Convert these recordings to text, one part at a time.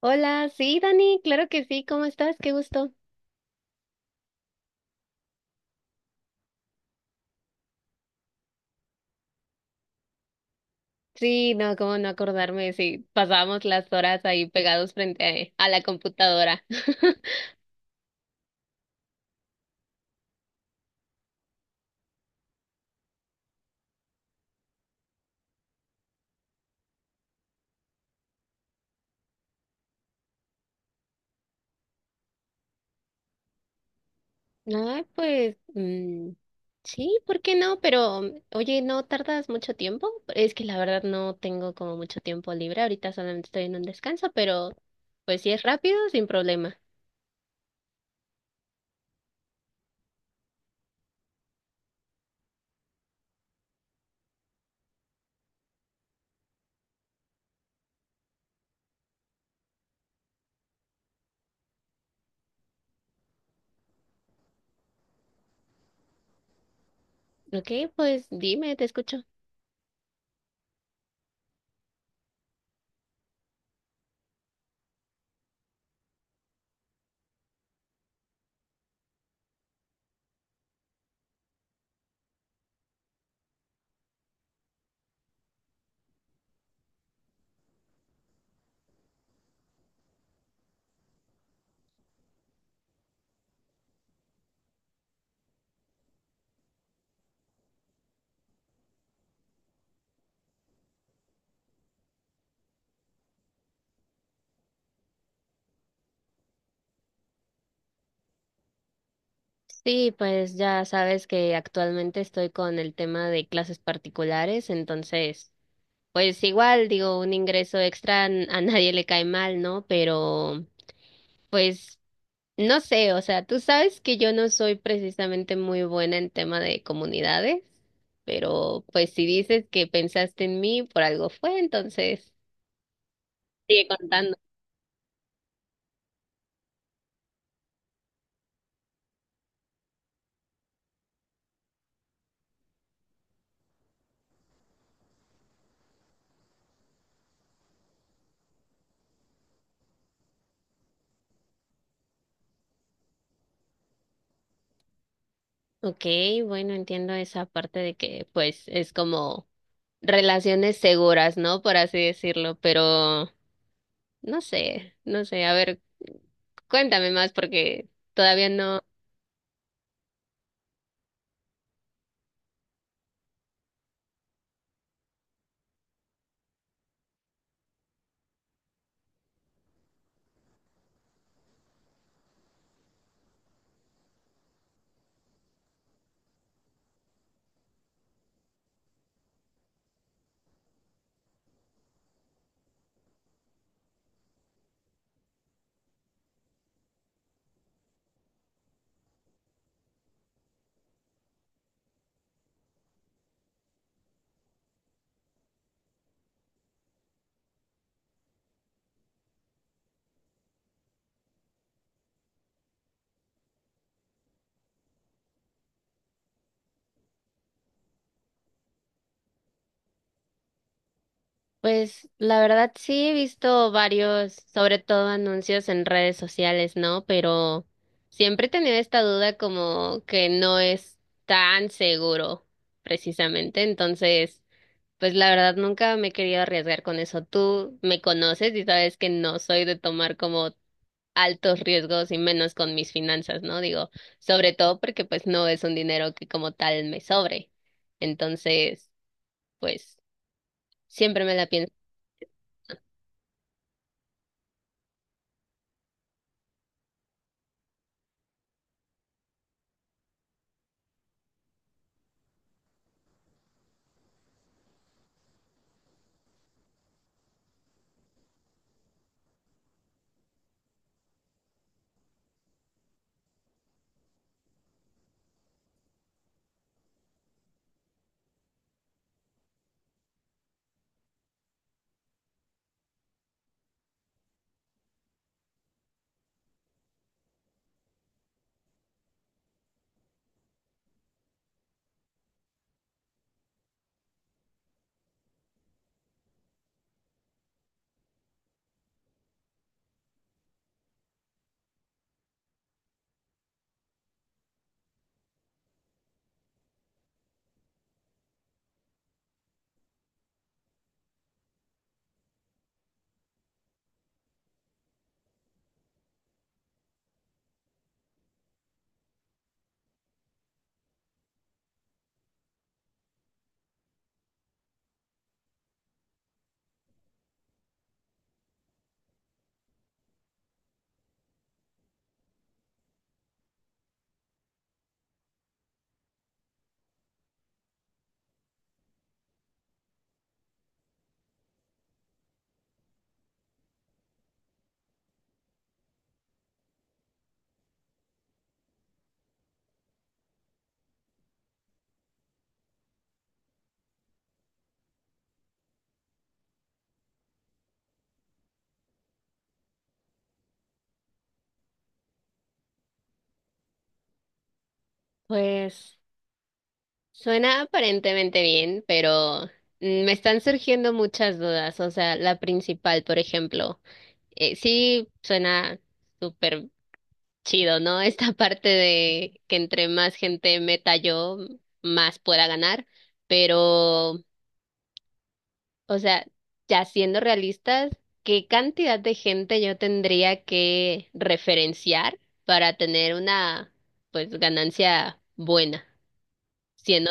Hola, sí, Dani, claro que sí, ¿cómo estás? Qué gusto. Sí, no, cómo no acordarme, sí, pasábamos las horas ahí pegados frente a la computadora. Ah, pues, sí, ¿por qué no? Pero, oye, ¿no tardas mucho tiempo? Es que la verdad no tengo como mucho tiempo libre, ahorita solamente estoy en un descanso, pero pues si es rápido, sin problema. Ok, pues dime, te escucho. Sí, pues ya sabes que actualmente estoy con el tema de clases particulares, entonces... Pues igual, digo, un ingreso extra a nadie le cae mal, ¿no? Pero, pues, no sé, o sea, tú sabes que yo no soy precisamente muy buena en tema de comunidades, pero pues si dices que pensaste en mí, por algo fue, entonces sigue contando. Ok, bueno, entiendo esa parte de que, pues, es como relaciones seguras, ¿no? Por así decirlo, pero no sé, no sé, a ver, cuéntame más porque todavía no. Pues la verdad sí he visto varios, sobre todo anuncios en redes sociales, ¿no? Pero siempre he tenido esta duda como que no es tan seguro, precisamente. Entonces, pues la verdad nunca me he querido arriesgar con eso. Tú me conoces y sabes que no soy de tomar como altos riesgos y menos con mis finanzas, ¿no? Digo, sobre todo porque pues no es un dinero que como tal me sobre. Entonces, pues siempre me la pienso. Pues suena aparentemente bien, pero me están surgiendo muchas dudas. O sea, la principal, por ejemplo, sí suena súper chido, ¿no? Esta parte de que entre más gente meta yo, más pueda ganar. Pero, o sea, ya siendo realistas, ¿qué cantidad de gente yo tendría que referenciar para tener una, pues, ganancia buena? Siendo...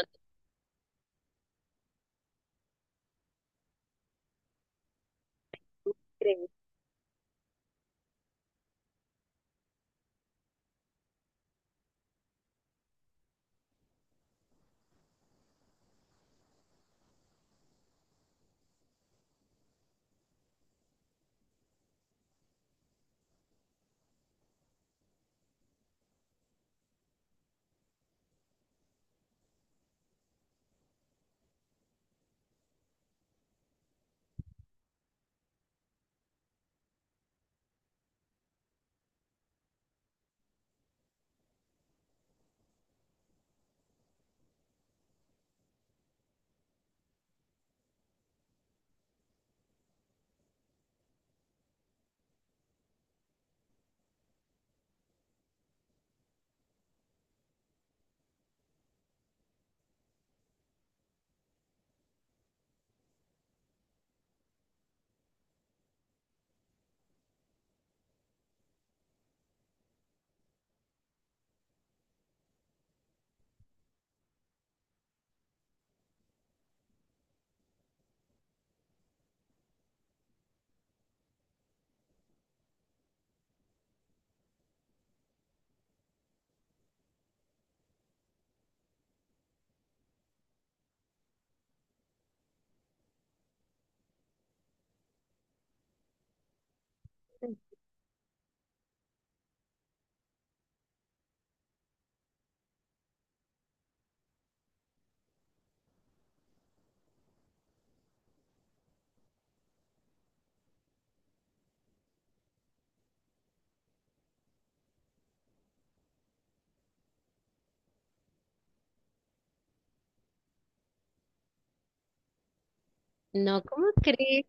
No, ¿cómo crees?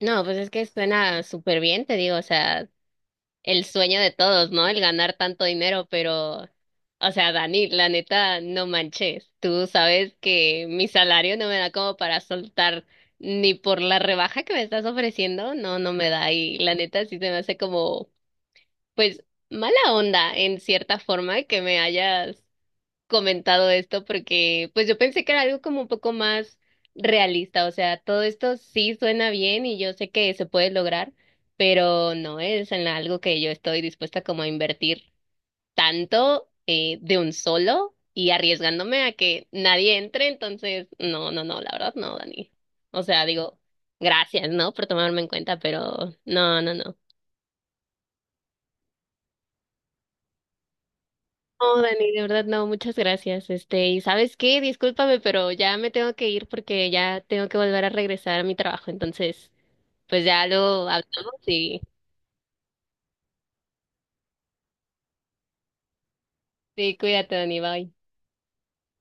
No, pues es que suena súper bien, te digo, o sea, el sueño de todos, ¿no? El ganar tanto dinero, pero, o sea, Dani, la neta, no manches. Tú sabes que mi salario no me da como para soltar ni por la rebaja que me estás ofreciendo, no, no me da. Y la neta sí se me hace como, pues, mala onda en cierta forma que me hayas comentado esto porque pues yo pensé que era algo como un poco más realista, o sea, todo esto sí suena bien y yo sé que se puede lograr, pero no es en algo que yo estoy dispuesta como a invertir tanto de un solo y arriesgándome a que nadie entre, entonces no, no, no, la verdad no, Dani. O sea, digo, gracias, ¿no? Por tomarme en cuenta, pero no, no, no. No, Dani, de verdad no, muchas gracias. Este, y ¿sabes qué? Discúlpame, pero ya me tengo que ir porque ya tengo que volver a regresar a mi trabajo. Entonces, pues ya lo hablamos y sí, cuídate, Dani, bye.